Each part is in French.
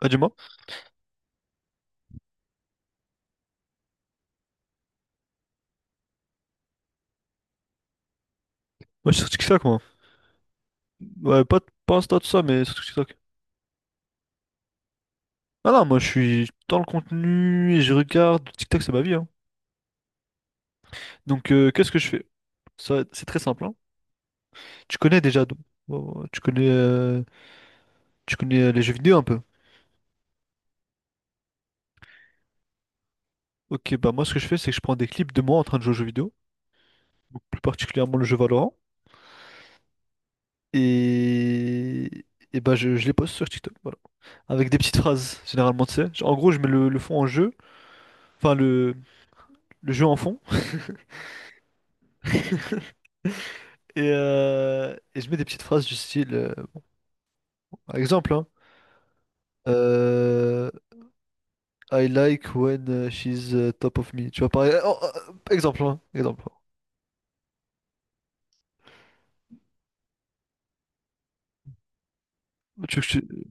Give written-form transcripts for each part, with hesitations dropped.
Ah, dis-moi. Moi, je suis sur TikTok, moi. Ouais, pas, pas Insta, tout ça, mais sur TikTok. Ah non, moi, je suis dans le contenu et je regarde. TikTok, c'est ma vie, hein. Donc, qu'est-ce que je fais? Ça, c'est très simple, hein. Tu connais déjà, donc. Bon, tu connais, tu connais les jeux vidéo un peu. Ok, bah moi, ce que je fais, c'est que je prends des clips de moi en train de jouer aux jeux vidéo, donc plus particulièrement le jeu Valorant. Et, et bah, je les poste sur TikTok, voilà. Avec des petites phrases, généralement, tu sais. En gros, je mets le fond en jeu. Enfin, le jeu en fond. Et je mets des petites phrases du style, par exemple, hein, euh, I like when she's top of me. Tu vois, pareil. Oh, exemple, hein, exemple. Tu veux que je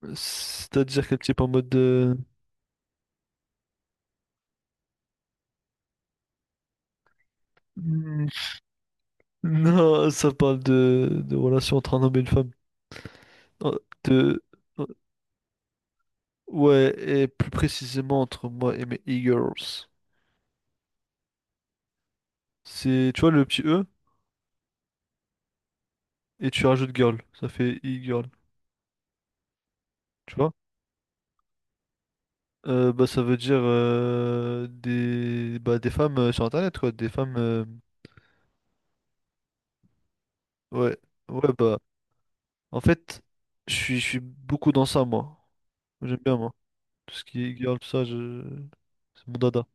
c'est-à-dire quel type en mode de… non, ça parle de relation entre un homme et une femme. Euh, De... euh, Ouais, et plus précisément entre moi et mes e-girls. C'est, tu vois, le petit E, et tu rajoutes girl. Ça fait e-girl. Tu vois? Bah, ça veut dire des, bah, des femmes sur Internet, quoi. Des femmes. Ouais. Ouais, bah. En fait, je suis beaucoup dans ça, moi. J'aime bien, moi. Tout ce qui est girl, tout ça, je… c'est mon dada.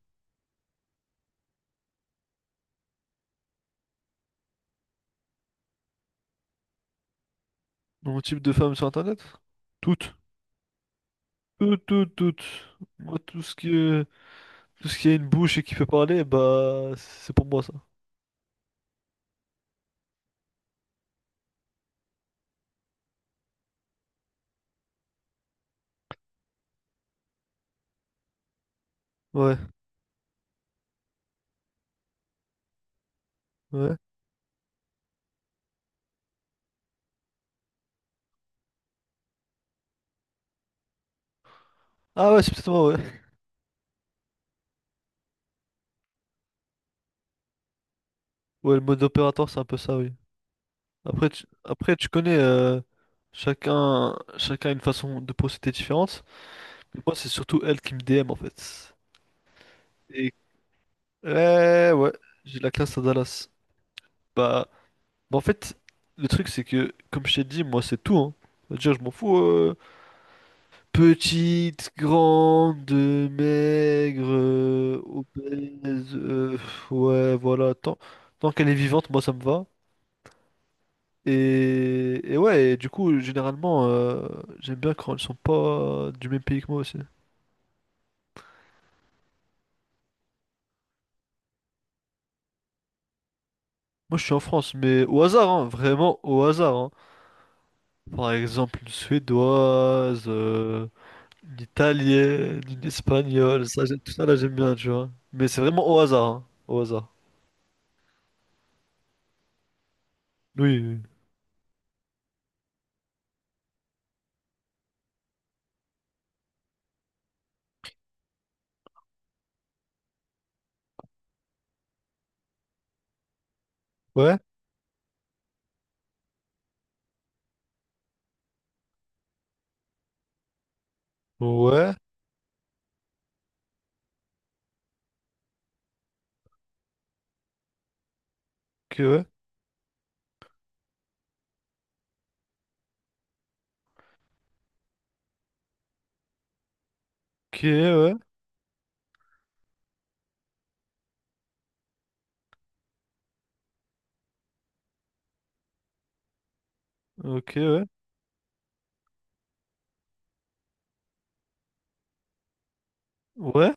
Mon type de femme sur Internet? Toutes. Toutes, toutes, toutes. Moi, tout ce qui est… tout ce qui a une bouche et qui peut parler, bah, c'est pour moi, ça. Ouais, ouais. Ah, ouais, c'est peut-être moi, ouais. Ouais, le mode opérateur, c'est un peu ça, oui. Après, tu connais, chacun a une façon de procéder différente. Mais moi, c'est surtout elle qui me DM en fait. Et ouais, j'ai de la classe à Dallas. Bah, en fait, le truc c'est que, comme je t'ai dit, moi c'est tout, hein. Déjà, je m'en fous. Petite, grande, maigre, obèse, ouais, voilà. Tant qu'elle est vivante, moi ça me va. Et ouais, et du coup, généralement, j'aime bien quand ils sont pas du même pays que moi aussi. Moi, je suis en France, mais au hasard, hein, vraiment au hasard, hein. Par exemple, une suédoise, une italienne, une espagnole, ça, tout ça là, j'aime bien, tu vois. Mais c'est vraiment au hasard, hein, au hasard. Oui, oui. Ouais, ouais, ok, ouais, ok, ouais, ok, ouais, ouais,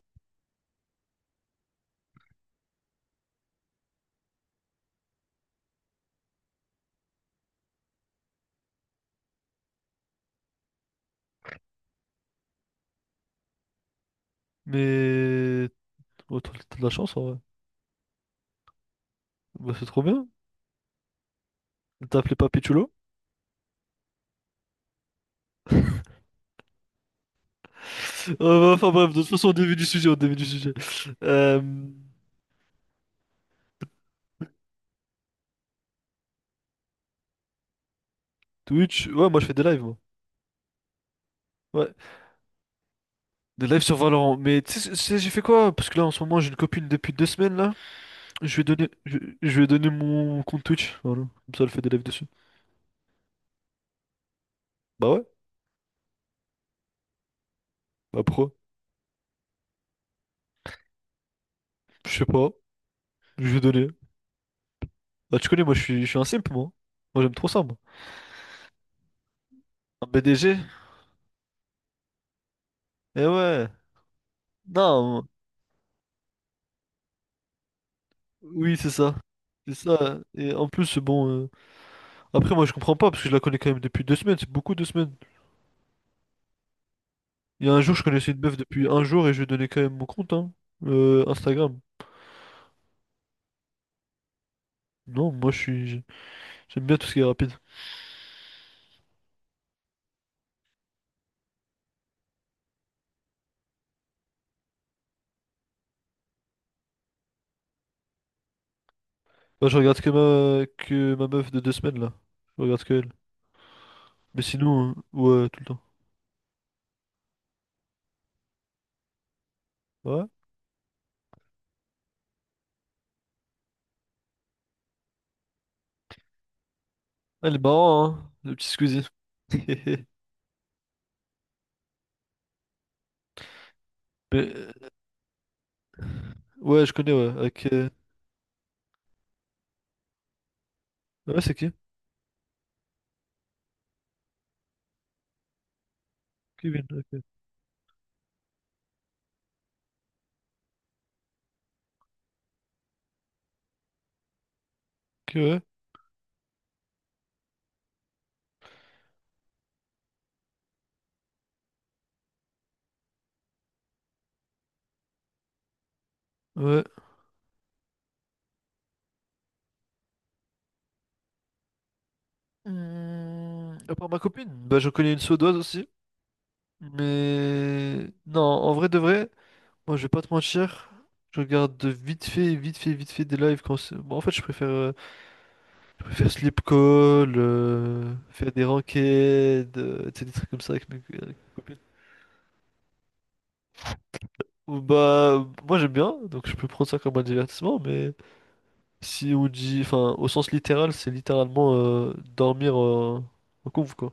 mais. Oh, t'as de la chance, en vrai. Bah, c'est trop bien. T'as appelé Papichulo? Enfin bref, de toute façon, au début du sujet, au début du sujet. Euh, Twitch, ouais, moi je fais des lives, moi. Ouais, des lives sur Valorant. Mais tu sais, j'ai fait quoi? Parce que là, en ce moment, j'ai une copine depuis 2 semaines, là. Je vais donner je lui ai mon compte Twitch, voilà. Comme ça, elle fait des lives dessus. Bah ouais, bah pourquoi? Je sais pas, je vais donner bah tu connais, moi je suis un simp, moi. Moi j'aime trop ça, moi. Un BDG? Eh ouais, non, oui, c'est ça. C'est ça. Et en plus, bon, moi je comprends pas, parce que je la connais quand même depuis 2 semaines, c'est beaucoup 2 semaines. Il y a un jour, je connaissais une meuf depuis un jour et je lui ai donné quand même mon compte, hein. Instagram. Non, j'aime bien tout ce qui est rapide. Bah, je regarde que ma meuf de deux semaines, là. Je regarde que elle. Mais sinon, ouais, tout le temps. Ouais. Ah, elle est marrant, hein, le petit Squeezie. Mais, ouais, je connais, ouais. Avec, ah ouais, c'est qui? Kevin, ok. Ok, ouais. Ouais. À part ma copine, bah, je connais une suédoise aussi. Mais non, en vrai de vrai, moi, je vais pas te mentir. Je regarde de vite fait, vite fait, vite fait des lives quand en fait, je préfère sleep call, faire des ranked, tu sais, des trucs comme ça avec mes copines. Ou bah, moi j'aime bien, donc je peux prendre ça comme un divertissement, mais si on dit, enfin, au sens littéral, c'est littéralement dormir en conf, quoi.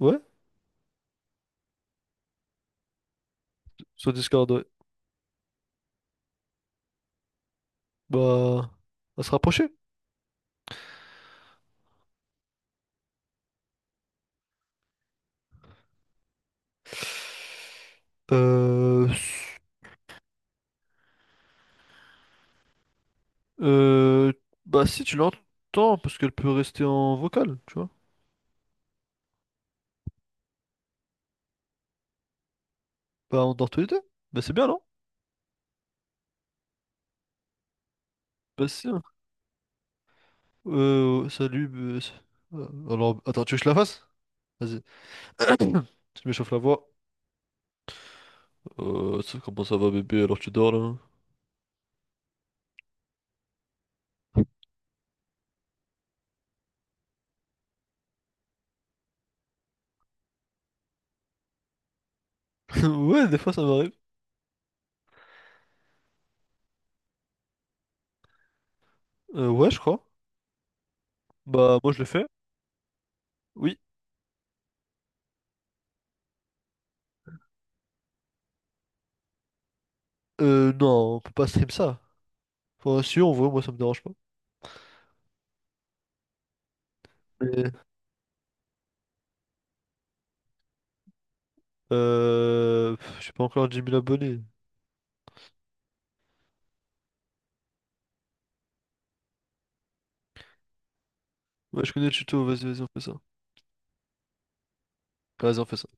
Ouais, sur Discord, ouais. Bah, à se rapprocher. Euh, Euh, bah si tu l'entends, parce qu'elle peut rester en vocal, tu vois. Bah on dort tous les deux. Bah c'est bien, non? Bah si, hein. Salut. Alors, attends, tu veux que je la fasse? Vas-y. Tu m'échauffes la voix. Comment ça va bébé, alors tu dors là? Ouais, des fois ça m'arrive. Ouais, je crois. Bah moi je le fais. Oui. Non, on peut pas stream ça. Enfin, si on voit, moi ça me dérange pas. Mais, pff, j'ai pas encore 10 000 abonnés. Ouais, je connais le tuto, vas-y, vas-y, on fait ça. Vas-y, on fait ça.